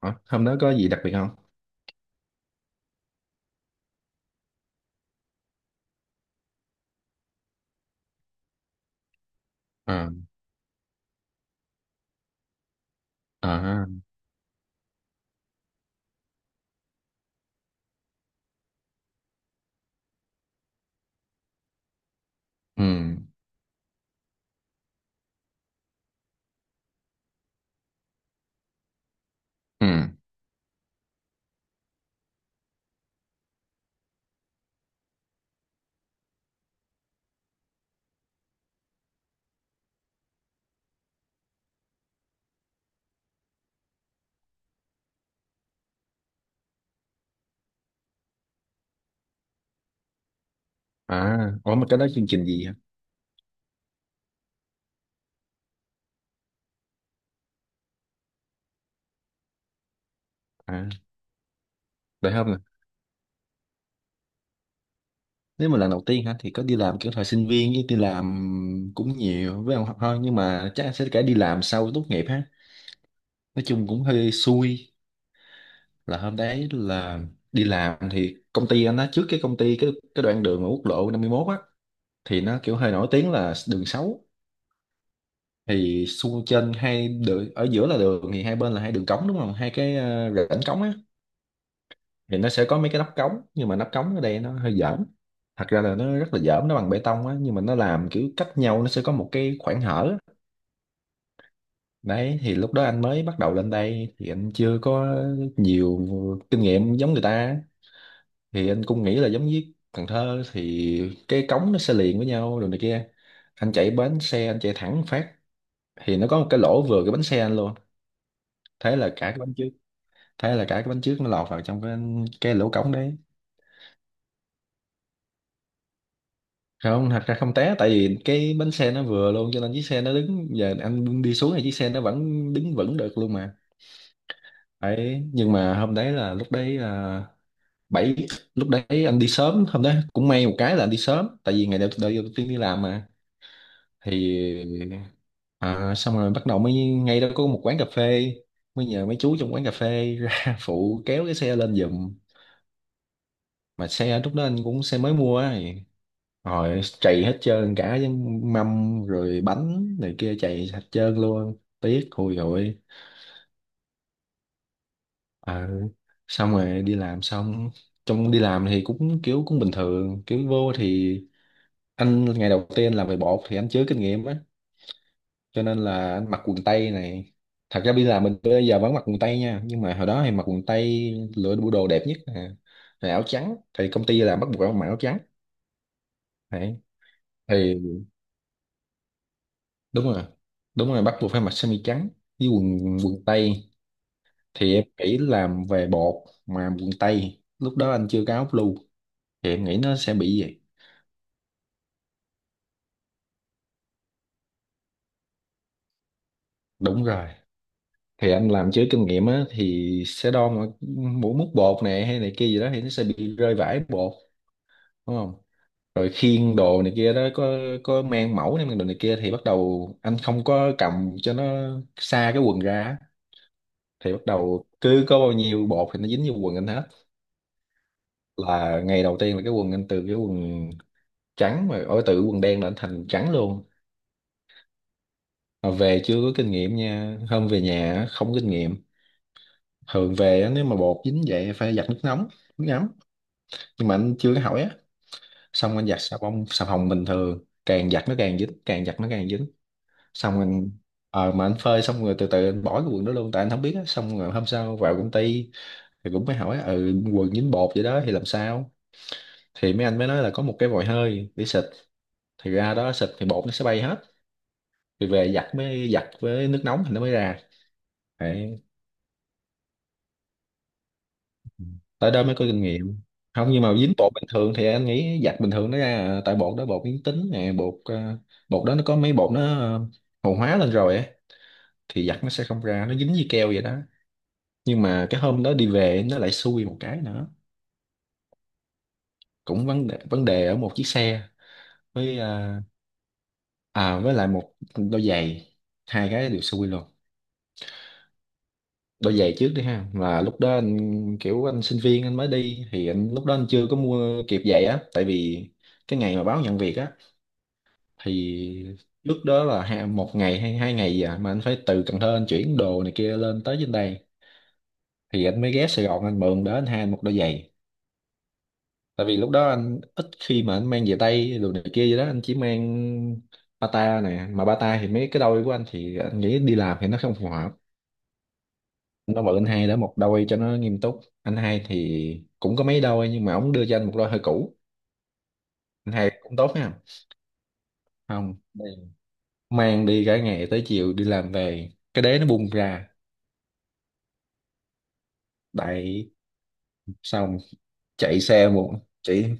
Ủa, hôm đó có gì đặc biệt không? À, à, ừ, ừ, à, ủa mà cái đó chương trình gì hả? À, đại học nè. Nếu mà lần đầu tiên hả, thì có đi làm kiểu thời sinh viên với đi làm cũng nhiều với ông học thôi. Nhưng mà chắc sẽ cả đi làm sau tốt nghiệp ha. Nói chung cũng hơi xui là hôm đấy là đi làm thì công ty anh đó trước cái công ty cái đoạn đường ở quốc lộ 51 á, thì nó kiểu hơi nổi tiếng là đường xấu. Thì xung trên hai đường ở giữa là đường, thì hai bên là hai đường cống, đúng không, hai cái rãnh cống á. Thì nó sẽ có mấy cái nắp cống, nhưng mà nắp cống ở đây nó hơi dởm, thật ra là nó rất là dởm. Nó bằng bê tông á, nhưng mà nó làm kiểu cách nhau, nó sẽ có một cái khoảng hở á. Đấy, thì lúc đó anh mới bắt đầu lên đây thì anh chưa có nhiều kinh nghiệm giống người ta á. Thì anh cũng nghĩ là giống với Cần Thơ thì cái cống nó sẽ liền với nhau rồi này kia, anh chạy bánh xe anh chạy thẳng phát, thì nó có một cái lỗ vừa cái bánh xe anh luôn. thế là cả cái bánh trước Thế là cả cái bánh trước nó lọt vào trong cái lỗ cống đấy. Không, thật ra không té, tại vì cái bánh xe nó vừa luôn, cho nên chiếc xe nó đứng, giờ anh đi xuống thì chiếc xe nó vẫn đứng vững được luôn mà. Đấy, nhưng mà hôm đấy là, lúc đấy là bảy lúc đấy anh đi sớm, hôm đấy cũng may một cái là anh đi sớm, tại vì ngày đầu tiên đi làm mà. Thì à, xong rồi bắt đầu, mới ngay đó có một quán cà phê, mới nhờ mấy chú trong quán cà phê ra phụ kéo cái xe lên giùm. Mà xe lúc đó anh cũng xe mới mua á, rồi trầy hết trơn cả với mâm rồi bánh này kia, trầy hết trơn luôn, tiếc hôi rồi. Ờ, xong rồi đi làm. Xong trong đi làm thì cũng kiểu cũng bình thường, kiểu vô thì anh ngày đầu tiên làm về bột thì anh chưa kinh nghiệm á, cho nên là anh mặc quần tây này. Thật ra bây giờ mình bây giờ vẫn mặc quần tây nha, nhưng mà hồi đó thì mặc quần tây lựa bộ đồ đẹp nhất nè, rồi áo trắng thì công ty là bắt buộc phải mặc áo trắng. Đấy, thì đúng rồi, đúng rồi, bắt buộc phải mặc sơ mi trắng với quần quần tây. Thì em nghĩ làm về bột mà quần tây, lúc đó anh chưa có áo blue, thì em nghĩ nó sẽ bị vậy. Đúng rồi, thì anh làm chứ kinh nghiệm á thì sẽ đo mỗi múc bột này hay này kia gì đó thì nó sẽ bị rơi vãi bột, đúng không. Rồi khiên đồ này kia đó, có mang mẫu này mang đồ này kia thì bắt đầu anh không có cầm cho nó xa cái quần ra á, thì bắt đầu cứ có bao nhiêu bột thì nó dính vô quần anh hết. Là ngày đầu tiên là cái quần anh, từ cái quần trắng mà ở từ quần đen là anh thành trắng luôn. Mà về chưa có kinh nghiệm nha, hôm về nhà á, không có kinh nghiệm, thường về á, nếu mà bột dính vậy phải giặt nước nóng, nước ấm, nhưng mà anh chưa có hỏi á. Xong anh giặt xà bông xà phòng bình thường, càng giặt nó càng dính, càng giặt nó càng dính. Xong anh ờ mà Anh phơi xong rồi từ từ anh bỏ cái quần đó luôn, tại anh không biết á. Xong rồi hôm sau vào công ty thì cũng mới hỏi, ừ quần dính bột vậy đó thì làm sao, thì mấy anh mới nói là có một cái vòi hơi để xịt, thì ra đó xịt thì bột nó sẽ bay hết, thì về giặt, mới giặt với nước nóng thì nó mới ra. Đấy, tại đó mới có kinh nghiệm. Không, nhưng mà dính bột bình thường thì anh nghĩ giặt bình thường nó ra à. Tại bột đó bột biến tính nè, bột đó nó có mấy hồ hóa lên rồi á, thì giặt nó sẽ không ra, nó dính với keo vậy đó. Nhưng mà cái hôm đó đi về nó lại xui một cái nữa. Cũng vấn đề ở một chiếc xe với với lại một đôi giày, hai cái đều xui luôn. Đôi giày trước đi ha, là lúc đó anh kiểu anh sinh viên anh mới đi, thì anh lúc đó anh chưa có mua kịp giày á, tại vì cái ngày mà báo nhận việc á thì trước đó là hai, một ngày hay hai ngày gì à, mà anh phải từ Cần Thơ anh chuyển đồ này kia lên tới trên đây, thì anh mới ghé Sài Gòn anh mượn đó anh hai anh một đôi giày. Tại vì lúc đó anh ít khi mà anh mang về tay đồ này kia gì đó, anh chỉ mang bata nè, mà bata thì mấy cái đôi của anh thì anh nghĩ đi làm thì nó không phù hợp. Nó mượn anh hai đó một đôi cho nó nghiêm túc, anh hai thì cũng có mấy đôi nhưng mà ổng đưa cho anh một đôi hơi cũ. Anh hai cũng tốt ha. Không, mang đi cả ngày tới chiều đi làm về cái đế nó bung ra. Đại xong, chạy xe một chạy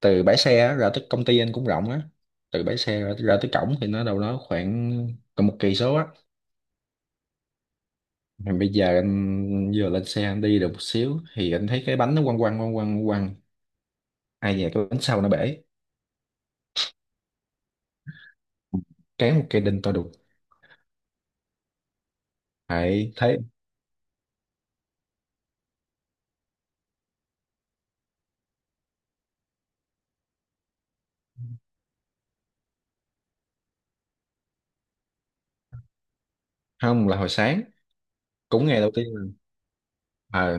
từ bãi xe á, ra tới công ty anh cũng rộng á, từ bãi xe ra tới cổng thì nó đâu đó khoảng còn một cây số á. Mà bây giờ anh vừa lên xe anh đi được một xíu thì anh thấy cái bánh nó quăng quăng quăng quăng quăng, ai dè cái bánh sau nó bể, cán một cây đinh to đùng. Hãy thấy không, là hồi sáng, cũng ngày đầu tiên là, à,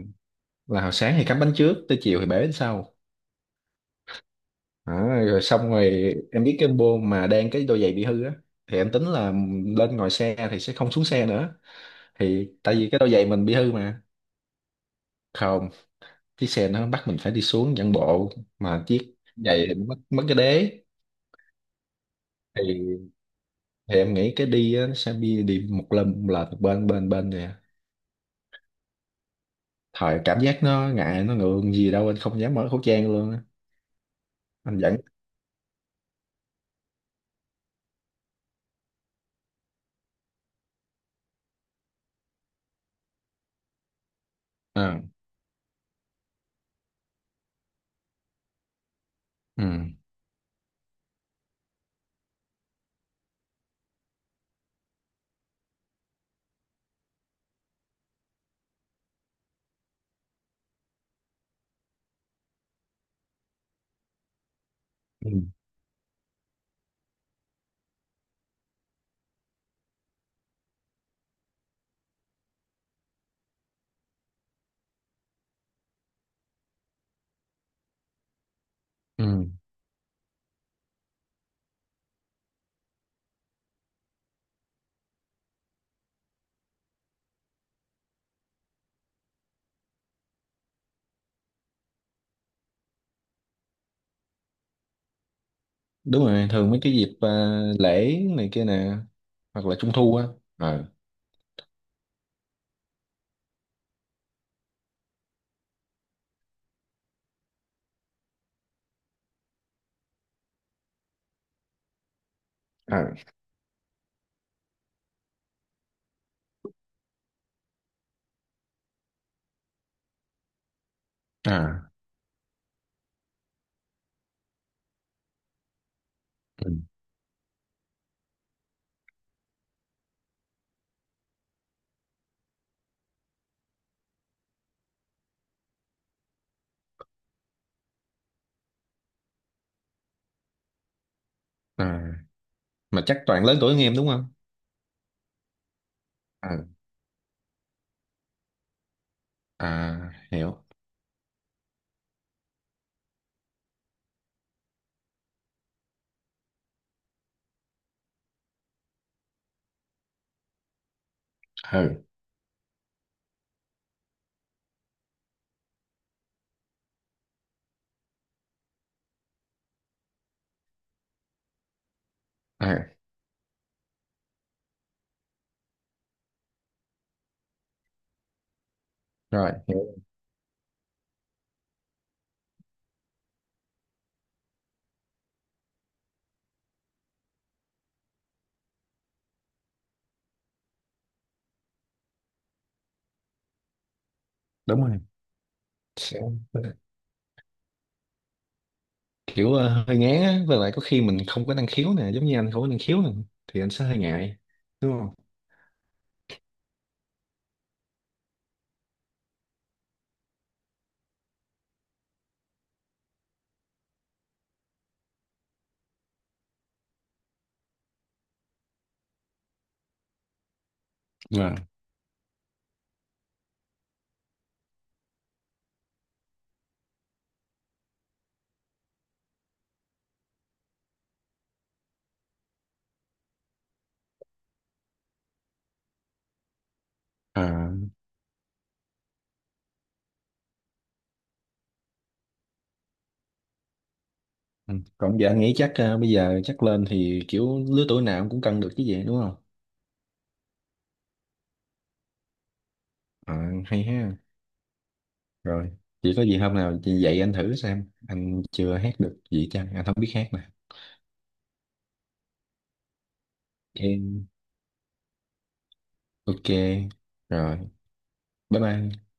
là hồi sáng thì cắm bánh trước, tới chiều thì bể bánh sau. Đó, rồi xong rồi em biết cái bô mà đang, cái đôi giày bị hư á thì em tính là lên ngồi xe thì sẽ không xuống xe nữa, thì tại vì cái đôi giày mình bị hư mà. Không, chiếc xe nó bắt mình phải đi xuống dẫn bộ, mà chiếc giày thì mất mất cái đế. thì thì em nghĩ cái đi á, nó sẽ đi đi một lần là từ bên bên bên nè, thời cảm giác nó ngại nó ngượng gì đâu, anh không dám mở khẩu trang luôn á. Anh vẫn à. ừ ừ ừ. Đúng rồi, thường mấy cái dịp lễ này kia nè, hoặc là trung thu á. ờ à à ừ, à mà chắc toàn lớn tuổi hơn em đúng không. À, à hiểu. ừ à Rồi hiểu. Đúng rồi. Hiểu. Kiểu hơi ngán á, với lại có khi mình không có năng khiếu nè, giống như anh không có năng khiếu nè thì anh sẽ hơi ngại, đúng không. Vâng. à ừ, còn giờ anh nghĩ chắc bây giờ chắc lên thì kiểu lứa tuổi nào cũng cân được chứ gì, đúng không. Ờ, hay ha. Rồi, chỉ có gì hôm nào chị dạy anh thử xem, anh chưa hát được gì chăng, anh không biết hát nè. Em ok rồi, bye bye.